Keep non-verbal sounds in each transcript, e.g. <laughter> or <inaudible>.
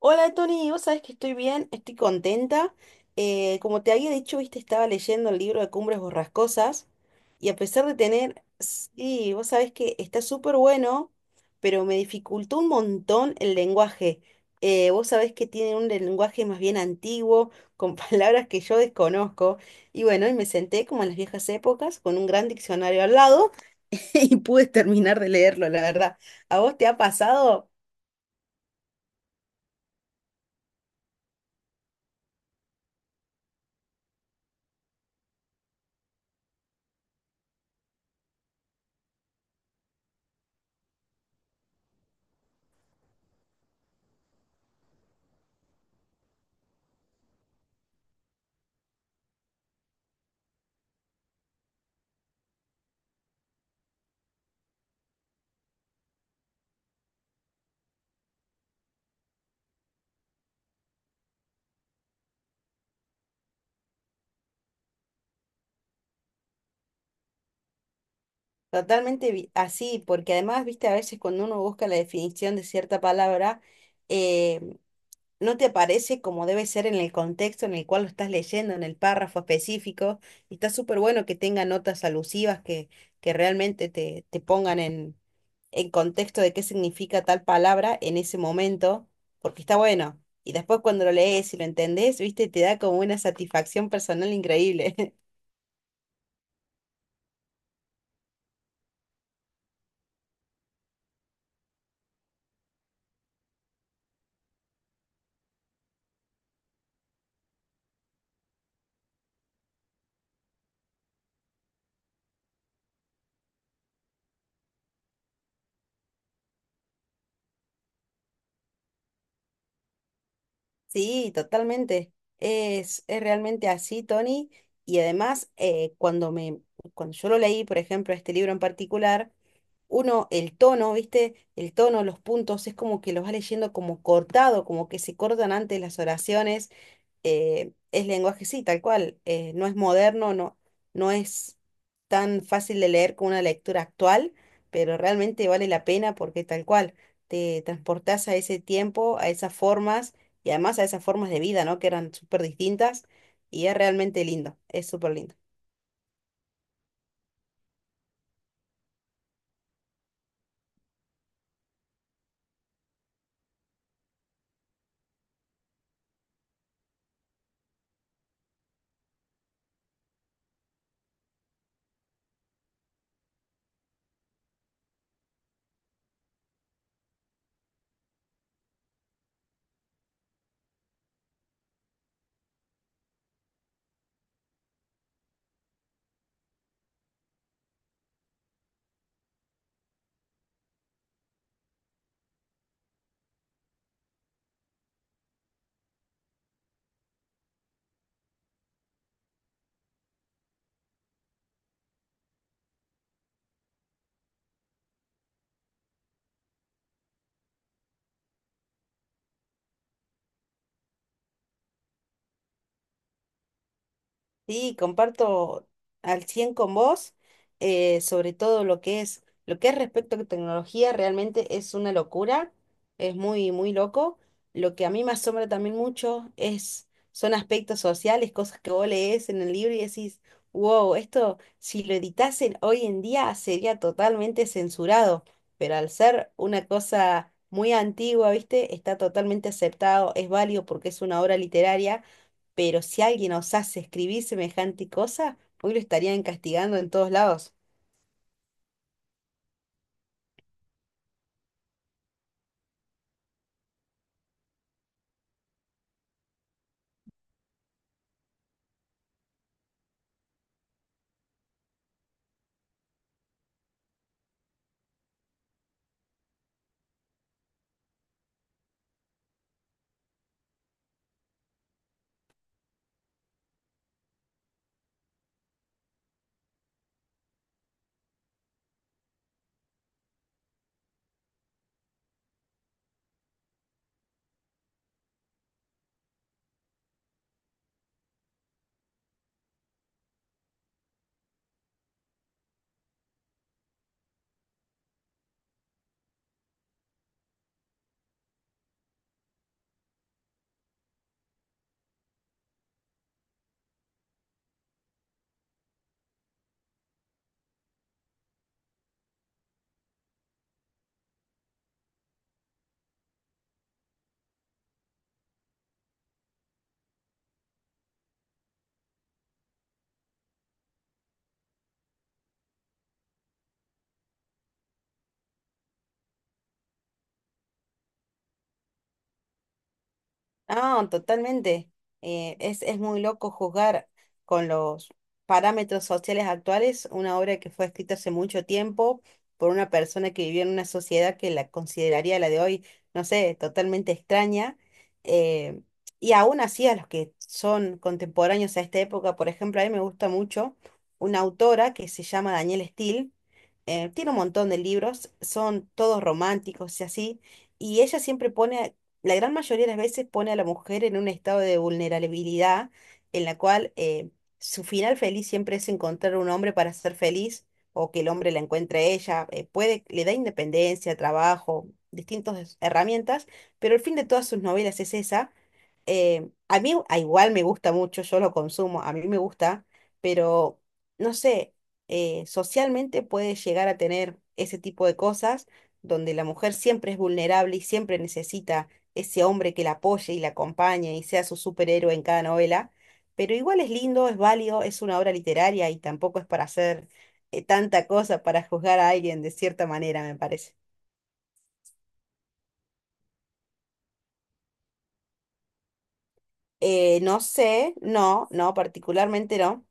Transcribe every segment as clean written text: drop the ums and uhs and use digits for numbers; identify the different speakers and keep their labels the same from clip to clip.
Speaker 1: Hola Tony, vos sabés que estoy bien, estoy contenta. Como te había dicho, viste, estaba leyendo el libro de Cumbres Borrascosas y a pesar de tener, sí, vos sabés que está súper bueno, pero me dificultó un montón el lenguaje. Vos sabés que tiene un lenguaje más bien antiguo, con <laughs> palabras que yo desconozco. Y bueno, y me senté como en las viejas épocas con un gran diccionario al lado <laughs> y pude terminar de leerlo, la verdad. ¿A vos te ha pasado? Así, porque además, viste, a veces cuando uno busca la definición de cierta palabra, eh, no te aparece como debe ser en el contexto en el cual lo estás leyendo, en el párrafo específico, y está súper bueno que tenga notas alusivas que realmente te pongan en contexto de qué significa tal palabra en ese momento, porque está bueno. Y después cuando lo lees y lo entendés, viste, te da como una satisfacción personal increíble. Sí, totalmente. Es realmente así, Tony. Y además, cuando yo lo leí, por ejemplo, este libro en particular, uno, el tono, ¿viste? El tono, los puntos, es como que los va leyendo como cortado, como que se cortan antes las oraciones. Es lenguaje, sí, tal cual, no es moderno, no es tan fácil de leer como una lectura actual, pero realmente vale la pena porque tal cual, te transportás a ese tiempo, a esas formas y además a esas formas de vida, ¿no? Que eran súper distintas y es realmente lindo, es súper lindo. Sí, comparto al 100 con vos, sobre todo lo que es respecto a tecnología, realmente es una locura, es muy, muy loco. Lo que a mí me asombra también mucho son aspectos sociales, cosas que vos lees en el libro y decís, wow, esto si lo editasen hoy en día sería totalmente censurado, pero al ser una cosa muy antigua, ¿viste? Está totalmente aceptado, es válido porque es una obra literaria, pero si alguien osase escribir semejante cosa, hoy lo estarían castigando en todos lados. Ah, totalmente. Es muy loco juzgar con los parámetros sociales actuales una obra que fue escrita hace mucho tiempo por una persona que vivió en una sociedad que la consideraría la de hoy, no sé, totalmente extraña. eh, y aún así a los que son contemporáneos a esta época, por ejemplo, a mí me gusta mucho una autora que se llama Danielle Steele. Tiene un montón de libros, son todos románticos y así, y ella siempre pone, la gran mayoría de las veces, pone a la mujer en un estado de vulnerabilidad en la cual su final feliz siempre es encontrar un hombre para ser feliz o que el hombre la encuentre a ella. Puede, le da independencia, trabajo, distintas herramientas, pero el fin de todas sus novelas es esa. A mí a igual me gusta mucho, yo lo consumo, a mí me gusta, pero no sé, socialmente puede llegar a tener ese tipo de cosas donde la mujer siempre es vulnerable y siempre necesita ese hombre que la apoye y la acompañe y sea su superhéroe en cada novela, pero igual es lindo, es válido, es una obra literaria y tampoco es para hacer, tanta cosa para juzgar a alguien de cierta manera, me parece. No sé, particularmente no.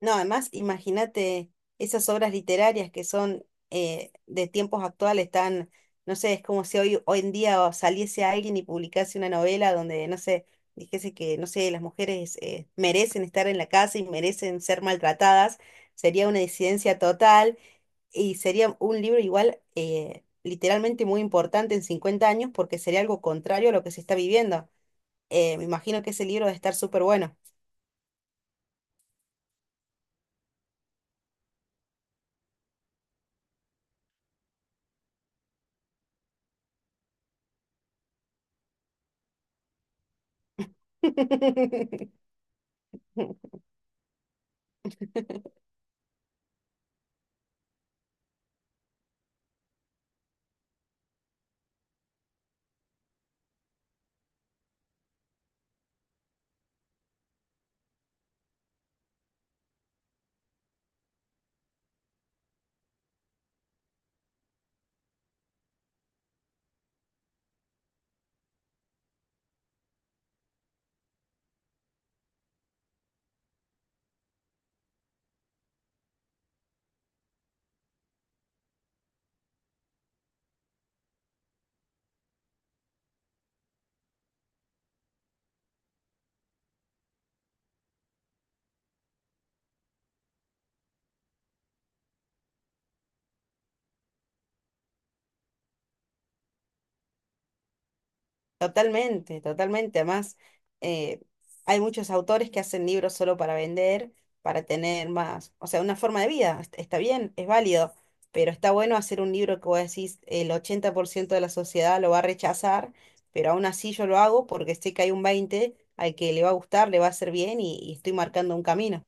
Speaker 1: No, además, imagínate esas obras literarias que son, de tiempos actuales tan, no sé, es como si hoy en día saliese alguien y publicase una novela donde, no sé, dijese que, no sé, las mujeres merecen estar en la casa y merecen ser maltratadas, sería una disidencia total y sería un libro igual literalmente muy importante en 50 años porque sería algo contrario a lo que se está viviendo. Me imagino que ese libro va a estar súper bueno. <laughs> Totalmente, totalmente. Además, eh, hay muchos autores que hacen libros solo para vender, para tener más, o sea, una forma de vida. Está bien, es válido, pero está bueno hacer un libro que vos decís el 80% de la sociedad lo va a rechazar, pero aún así yo lo hago porque sé que hay un 20 al que le va a gustar, le va a hacer bien y estoy marcando un camino.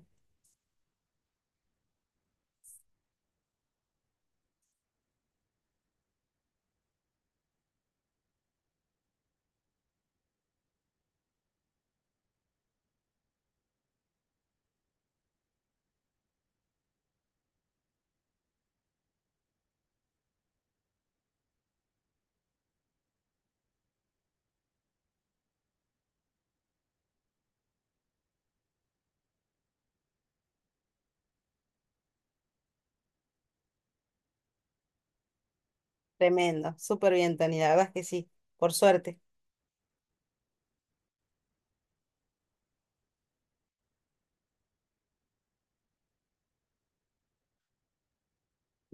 Speaker 1: Tremendo, súper bien, Tony, la verdad es que sí, por suerte.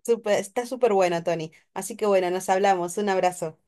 Speaker 1: Está súper bueno, Tony. Así que bueno, nos hablamos. Un abrazo.